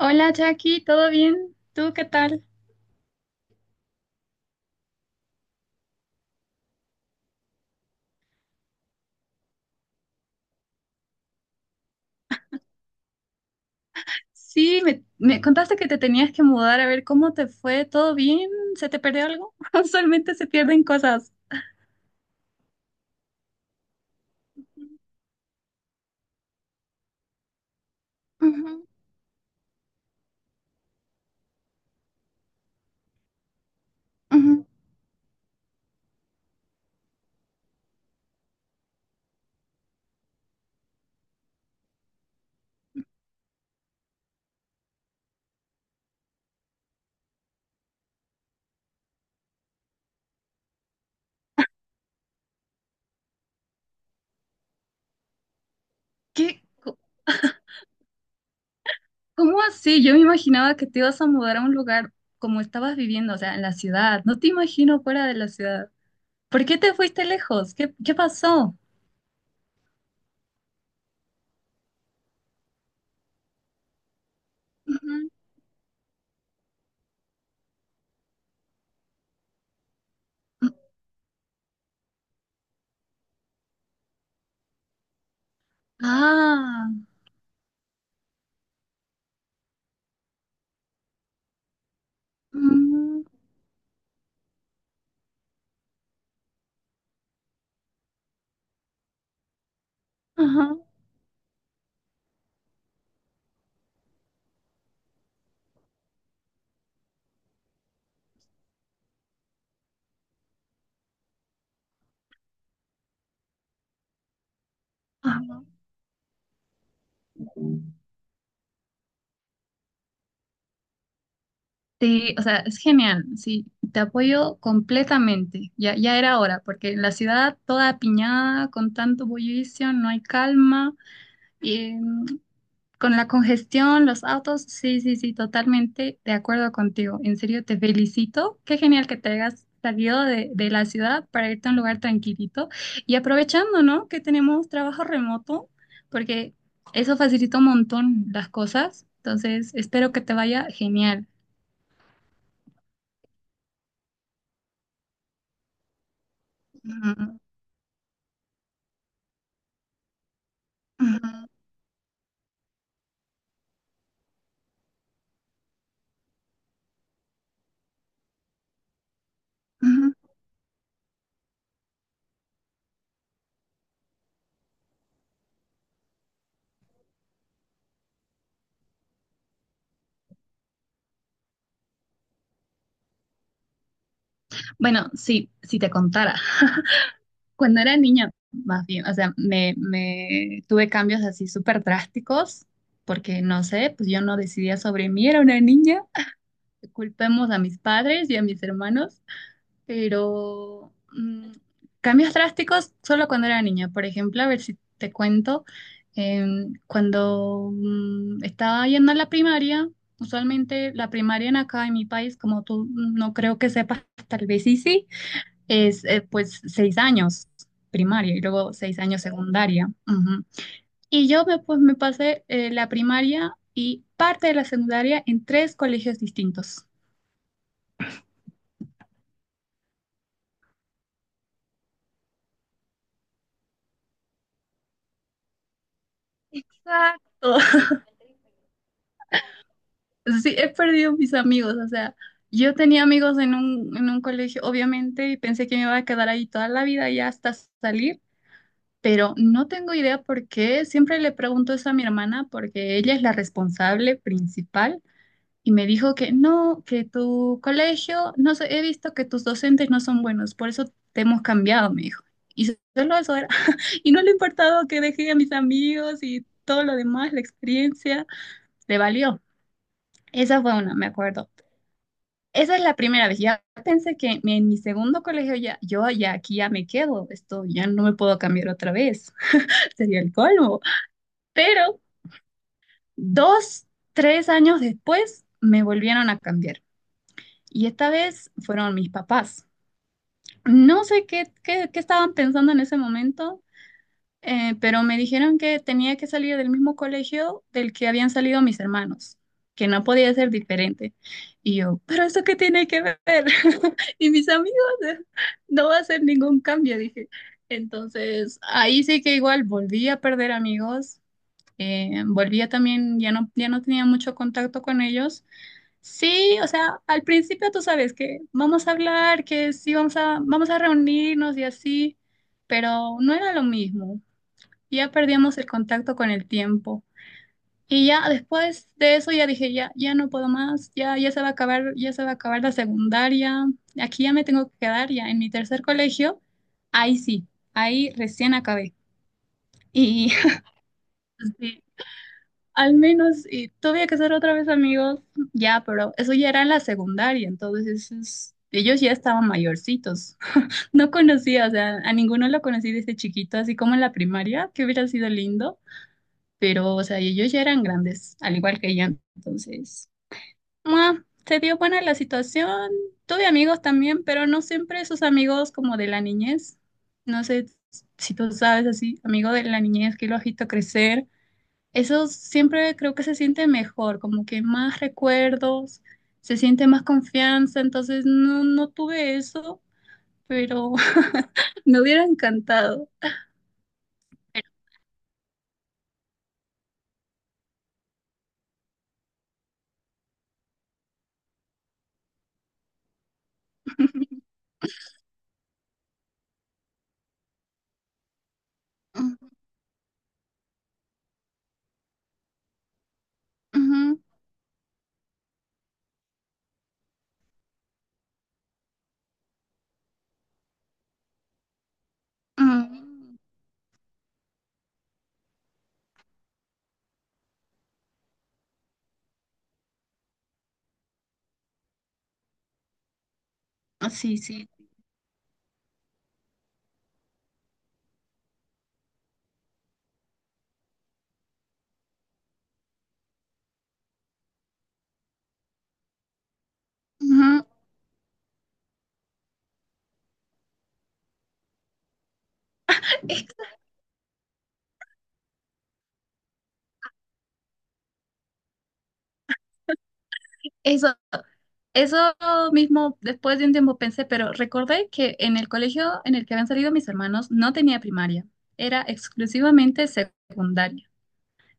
Hola Jackie, ¿todo bien? ¿Tú qué tal? Sí, me contaste que te tenías que mudar, a ver cómo te fue, ¿todo bien? ¿Se te perdió algo? Usualmente se pierden cosas. Ujú, ujú. ¿Qué? ¿Cómo así? Yo me imaginaba que te ibas a mudar a un lugar como estabas viviendo, o sea, en la ciudad. No te imagino fuera de la ciudad. ¿Por qué te fuiste lejos? ¿Qué pasó? Ujú. Ah, mm, ajá, ajá. Sí, o sea, es genial, sí, te apoyo completamente. Ya, ya era hora, porque en la ciudad toda apiñada, con tanto bullicio, no hay calma, y, mm, con la congestión, los autos, sí, sí, sí, totalmente de acuerdo contigo. En serio, te felicito. Qué genial que te hayas salido de la ciudad para irte a un lugar tranquilito y aprovechando, ¿no? Que tenemos trabajo remoto, porque eso facilita un montón las cosas. Entonces, espero que te vaya genial. Ujú, ujú. Ujú. Bueno, sí, si te contara, cuando era niña, más bien, o sea, me tuve cambios así súper drásticos, porque no sé, pues yo no decidía sobre mí, era una niña. Culpemos a mis padres y a mis hermanos, pero cambios drásticos solo cuando era niña. Por ejemplo, a ver si te cuento, cuando estaba yendo a la primaria, usualmente la primaria en acá en mi país, como tú no creo que sepas, tal vez sí, sí. Es pues 6 años primaria y luego 6 años secundaria. Ujú. Y yo pues me pasé la primaria y parte de la secundaria en tres colegios distintos. Exacto. Sí, he perdido mis amigos, o sea, yo tenía amigos en un colegio, obviamente, y pensé que me iba a quedar ahí toda la vida ya hasta salir, pero no tengo idea por qué. Siempre le pregunto eso a mi hermana porque ella es la responsable principal. Y me dijo que no, que tu colegio, no sé, he visto que tus docentes no son buenos, por eso te hemos cambiado, me dijo. Y solo eso era. Y no le importaba que dejé a mis amigos y todo lo demás, la experiencia, le valió. Esa fue una, me acuerdo. Esa es la primera vez. Ya pensé que en mi segundo colegio ya, yo ya aquí ya me quedo. Esto ya no me puedo cambiar otra vez. Sería el colmo. Pero dos, tres años después me volvieron a cambiar. Y esta vez fueron mis papás. No sé qué estaban pensando en ese momento, pero me dijeron que tenía que salir del mismo colegio del que habían salido mis hermanos, que no podía ser diferente. Y yo, ¿pero eso qué tiene que ver? Y mis amigos, eh, no va a ser ningún cambio, dije. Entonces, ahí sí que igual volví a perder amigos, volví a también, ya no tenía mucho contacto con ellos. Sí, o sea, al principio tú sabes que vamos a hablar, que sí vamos a reunirnos y así, pero no era lo mismo. Ya perdíamos el contacto con el tiempo. Y ya después de eso ya dije, ya, ya no puedo más, ya, ya se va a acabar, ya se va a acabar la secundaria, aquí ya me tengo que quedar ya en mi tercer colegio. Ahí sí, ahí recién acabé. Y sí, al menos, y tuve que ser otra vez amigos, ya, pero eso ya era en la secundaria, entonces ellos ya estaban mayorcitos. No conocía, o sea, a ninguno lo conocí desde chiquito, así como en la primaria, que hubiera sido lindo, pero, o sea, ellos ya eran grandes, al igual que yo, entonces, ¡mua! Se dio buena la situación. Tuve amigos también, pero no siempre esos amigos como de la niñez. No sé si tú sabes así, amigo de la niñez que lo has visto crecer, eso siempre creo que se siente mejor, como que más recuerdos, se siente más confianza, entonces no, no tuve eso, pero me hubiera encantado. Mm, ujú, mm, sí, sí. Ujú. Es- Eso, eso mismo después de un tiempo pensé, pero recordé que en el colegio en el que habían salido mis hermanos no tenía primaria, era exclusivamente secundaria.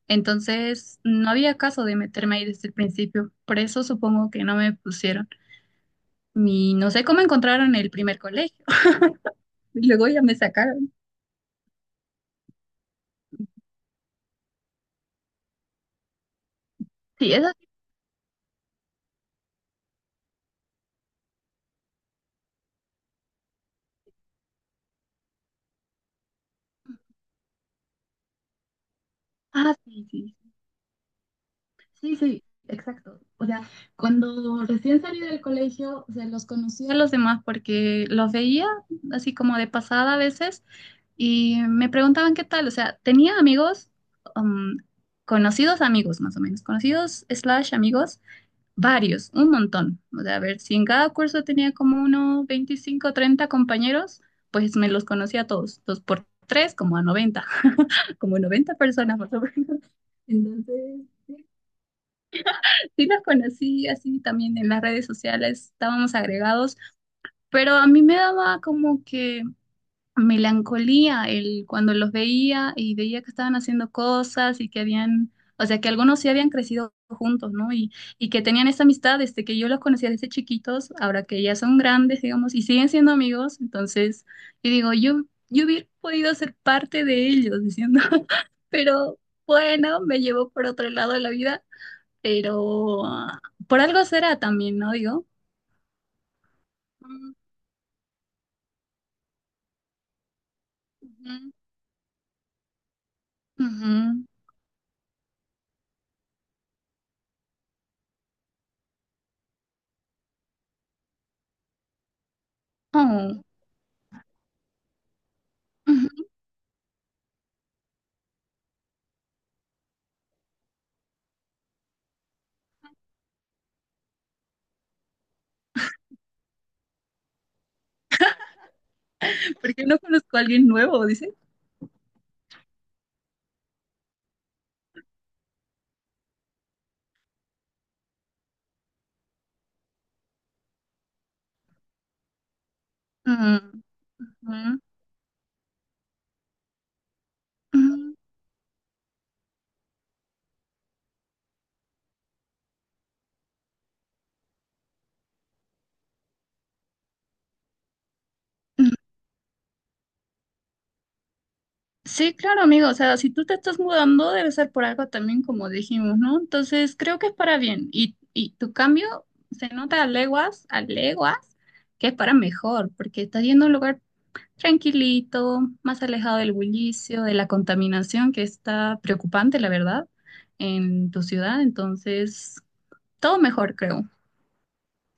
Entonces, no había caso de meterme ahí desde el principio. Por eso supongo que no me pusieron. Y no sé cómo encontraron el primer colegio. Y luego ya me sacaron. Sí, eso sí. Ah, sí, sí. Sí, sí, exacto. O sea, cuando recién salí del colegio, se los conocía a los demás porque los veía así como de pasada a veces y me preguntaban qué tal. O sea, tenía amigos, um, conocidos amigos más o menos, conocidos slash amigos. Varios, un montón. O sea, a ver, si en cada curso tenía como unos 25 o 30 compañeros, pues me los conocía a todos. Dos por tres, como a 90. Como 90 personas más o menos. Entonces, sí, sí los conocí así también en las redes sociales, estábamos agregados, pero a mí me daba como que melancolía el, cuando los veía y veía que estaban haciendo cosas y que habían, o sea, que algunos sí habían crecido juntos, ¿no? Y que tenían esa amistad, desde que yo los conocía desde chiquitos, ahora que ya son grandes, digamos, y siguen siendo amigos, entonces, yo digo, yo hubiera podido ser parte de ellos, diciendo, pero bueno, me llevó por otro lado de la vida, pero por algo será también, ¿no? Digo. Mm, ujú, ujú. Oh, ujú. Porque no conozco a alguien nuevo, dice. Mm, mm, mm. Sí, claro, amigo. O sea, si tú te estás mudando, debe ser por algo también, como dijimos, ¿no? Entonces, creo que es para bien. Y tu cambio se nota a leguas, que es para mejor, porque estás yendo a un lugar tranquilito, más alejado del bullicio, de la contaminación que está preocupante, la verdad, en tu ciudad. Entonces, todo mejor, creo.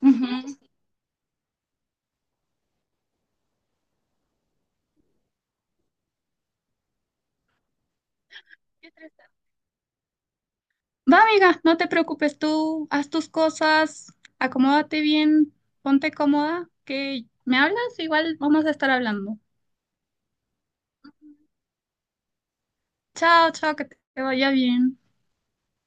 Ujú. Va, amiga, no te preocupes, tú haz tus cosas, acomódate bien, ponte cómoda, que me hablas, igual vamos a estar hablando. Chao, chao, que te vaya bien.